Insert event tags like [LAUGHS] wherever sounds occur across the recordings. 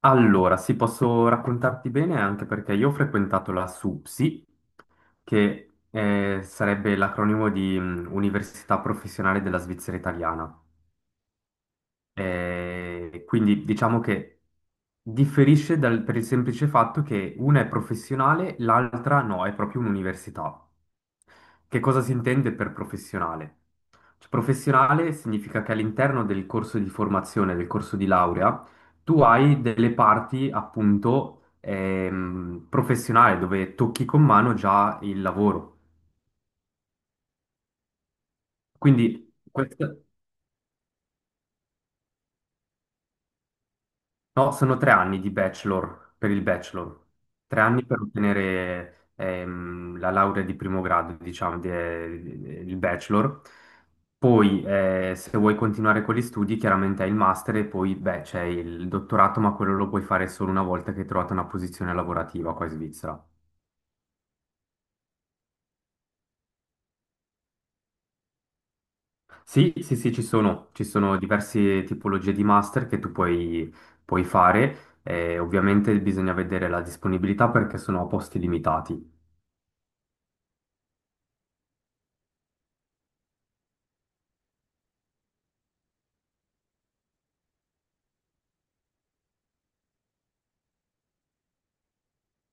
Allora, sì, posso raccontarti bene anche perché io ho frequentato la SUPSI, che sarebbe l'acronimo di Università Professionale della Svizzera Italiana. Quindi diciamo che per il semplice fatto che una è professionale, l'altra no, è proprio un'università. Che cosa si intende per professionale? Cioè, professionale significa che all'interno del corso di formazione, del corso di laurea, tu hai delle parti appunto professionali dove tocchi con mano già il lavoro. Quindi questa- No, sono tre anni di bachelor, per il bachelor. Tre anni per ottenere la laurea di primo grado, diciamo, il bachelor. Poi, se vuoi continuare con gli studi, chiaramente hai il master e poi, beh, c'è il dottorato, ma quello lo puoi fare solo una volta che hai trovato una posizione lavorativa qua in Svizzera. Sì, sì, sì, ci sono diverse tipologie di master che puoi fare. Ovviamente bisogna vedere la disponibilità perché sono a posti limitati.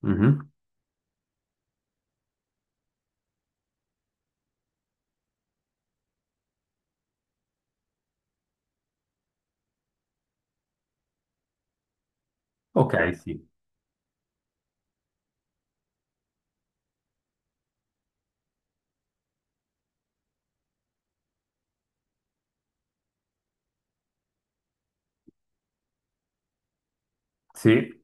Mhm. Ok, sì, sì,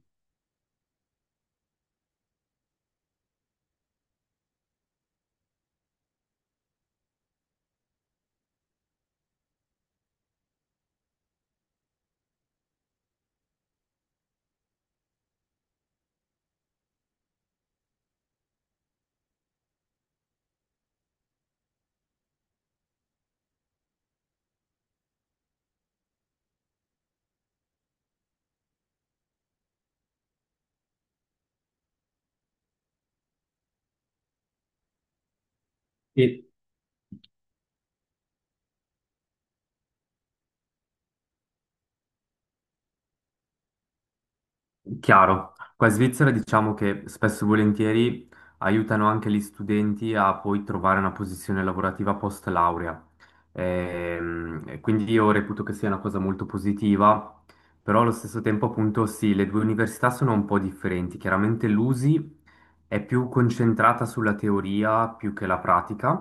e chiaro. Qua in Svizzera diciamo che spesso e volentieri aiutano anche gli studenti a poi trovare una posizione lavorativa post laurea. E quindi io reputo che sia una cosa molto positiva, però allo stesso tempo appunto sì, le due università sono un po' differenti. Chiaramente l'USI è più concentrata sulla teoria più che la pratica.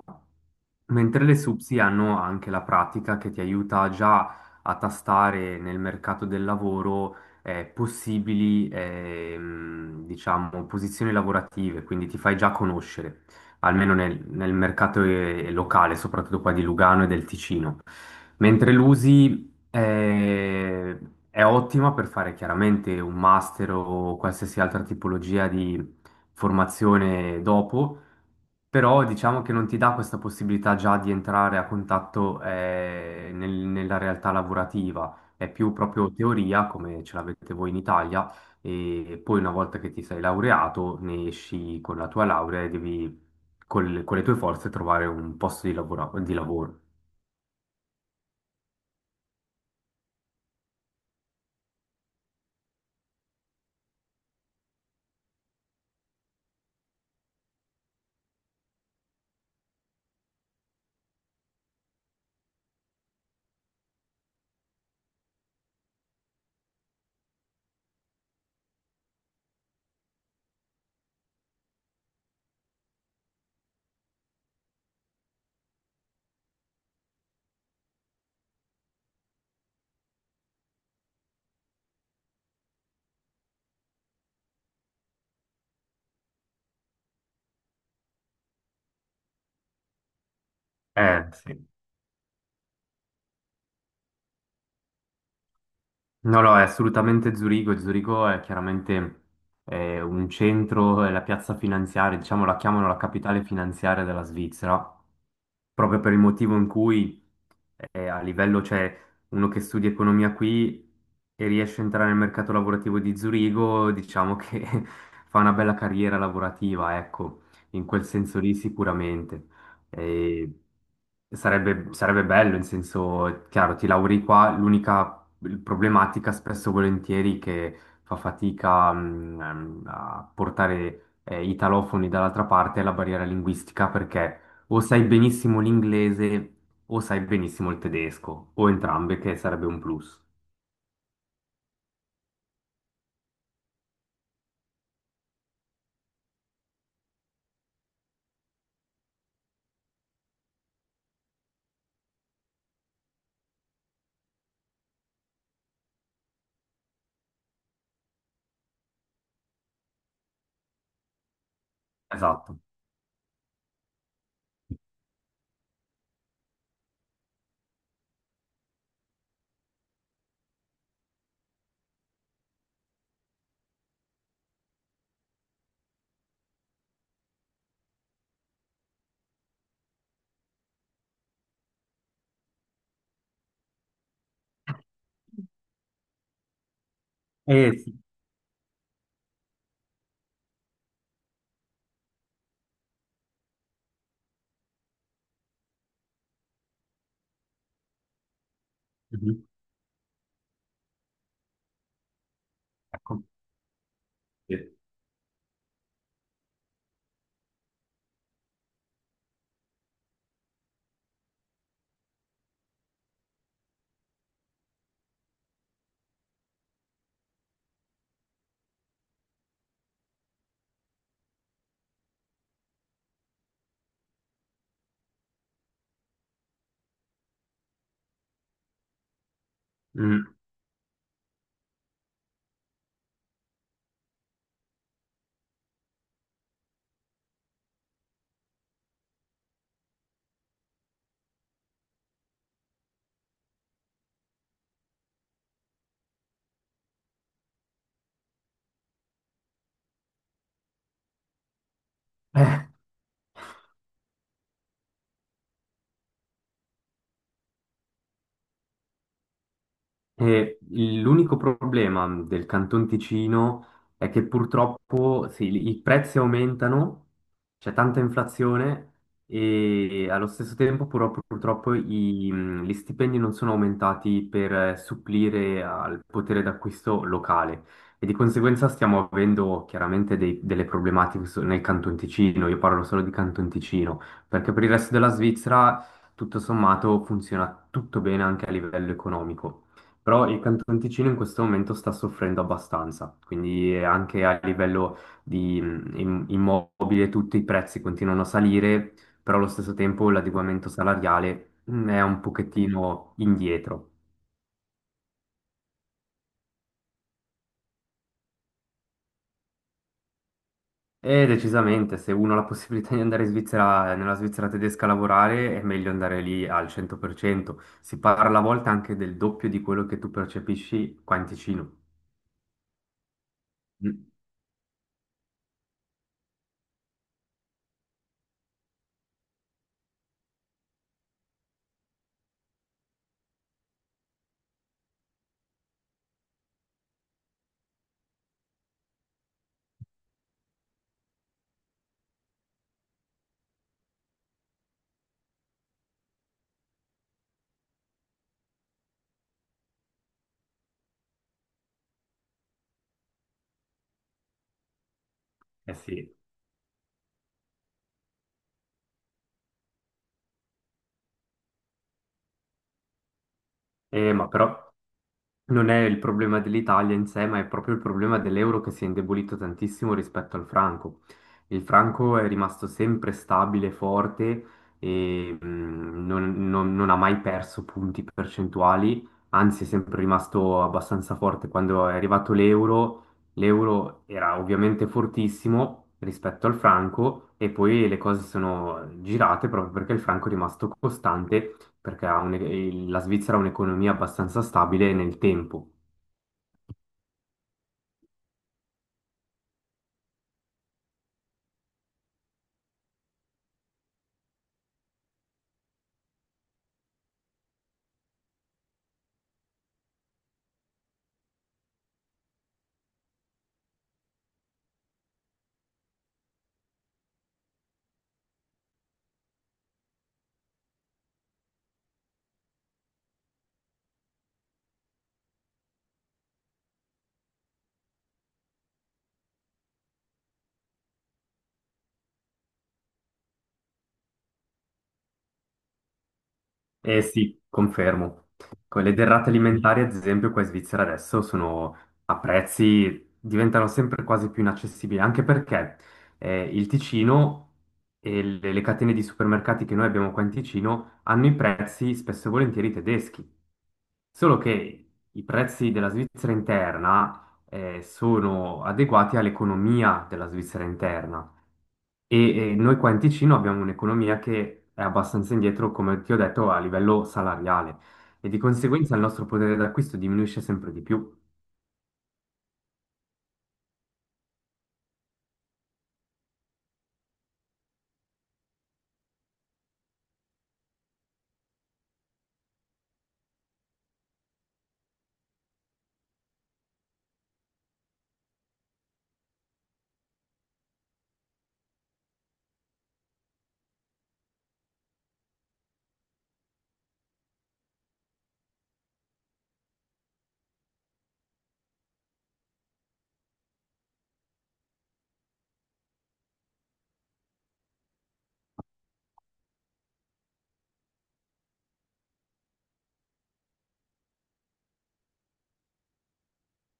Mentre le SUPSI hanno anche la pratica che ti aiuta già a tastare nel mercato del lavoro possibili diciamo, posizioni lavorative, quindi ti fai già conoscere, almeno nel mercato locale, soprattutto qua di Lugano e del Ticino. Mentre l'USI è ottima per fare chiaramente un master o qualsiasi altra tipologia di formazione dopo, però diciamo che non ti dà questa possibilità già di entrare a contatto nella realtà lavorativa, è più proprio teoria come ce l'avete voi in Italia e poi una volta che ti sei laureato ne esci con la tua laurea e devi con le tue forze trovare un posto di lavoro. Sì. No, no, è assolutamente Zurigo. E Zurigo è chiaramente un centro, è la piazza finanziaria, diciamo la chiamano la capitale finanziaria della Svizzera, proprio per il motivo in cui cioè uno che studia economia qui e riesce a entrare nel mercato lavorativo di Zurigo, diciamo che [LAUGHS] fa una bella carriera lavorativa, ecco, in quel senso lì sicuramente. E sarebbe, sarebbe bello, in senso, chiaro, ti lauri qua, problematica spesso e volentieri che fa fatica a portare i talofoni dall'altra parte è la barriera linguistica, perché o sai benissimo l'inglese o sai benissimo il tedesco o entrambe, che sarebbe un plus. Esatto. Eh sì. Mhm. Ecco. Sì. Mm. [LAUGHS] Eh. E l'unico problema del Canton Ticino è che purtroppo sì, i prezzi aumentano, c'è tanta inflazione e allo stesso tempo però purtroppo gli stipendi non sono aumentati per supplire al potere d'acquisto locale, e di conseguenza stiamo avendo chiaramente delle problematiche nel Canton Ticino, io parlo solo di Canton Ticino, perché per il resto della Svizzera tutto sommato funziona tutto bene anche a livello economico. Però il Canton Ticino in questo momento sta soffrendo abbastanza, quindi anche a livello di immobile, tutti i prezzi continuano a salire, però allo stesso tempo l'adeguamento salariale è un pochettino indietro. E decisamente, se uno ha la possibilità di andare in Svizzera, nella Svizzera tedesca a lavorare, è meglio andare lì al 100%. Si parla a volte anche del doppio di quello che tu percepisci qua in Ticino. Mm. Eh sì. Ma però... Non è il problema dell'Italia in sé, ma è proprio il problema dell'euro che si è indebolito tantissimo rispetto al franco. Il franco è rimasto sempre stabile, forte e non ha mai perso punti percentuali, anzi è sempre rimasto abbastanza forte. Quando è arrivato l'euro, l'euro era ovviamente fortissimo rispetto al franco e poi le cose sono girate proprio perché il franco è rimasto costante perché la Svizzera ha un'economia abbastanza stabile nel tempo. Eh sì, confermo. Con le derrate alimentari, ad esempio, qua in Svizzera adesso sono a prezzi diventano sempre quasi più inaccessibili, anche perché il Ticino e le catene di supermercati che noi abbiamo qua in Ticino hanno i prezzi spesso e volentieri tedeschi, solo che i prezzi della Svizzera interna sono adeguati all'economia della Svizzera interna. Noi qua in Ticino abbiamo un'economia che è abbastanza indietro, come ti ho detto, a livello salariale, e di conseguenza il nostro potere d'acquisto diminuisce sempre di più.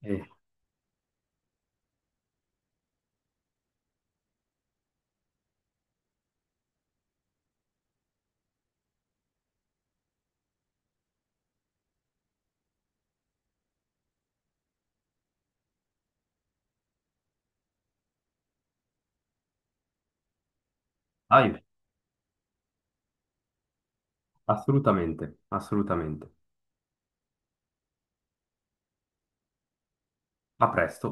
Eh, ahimè, assolutamente, assolutamente. A presto.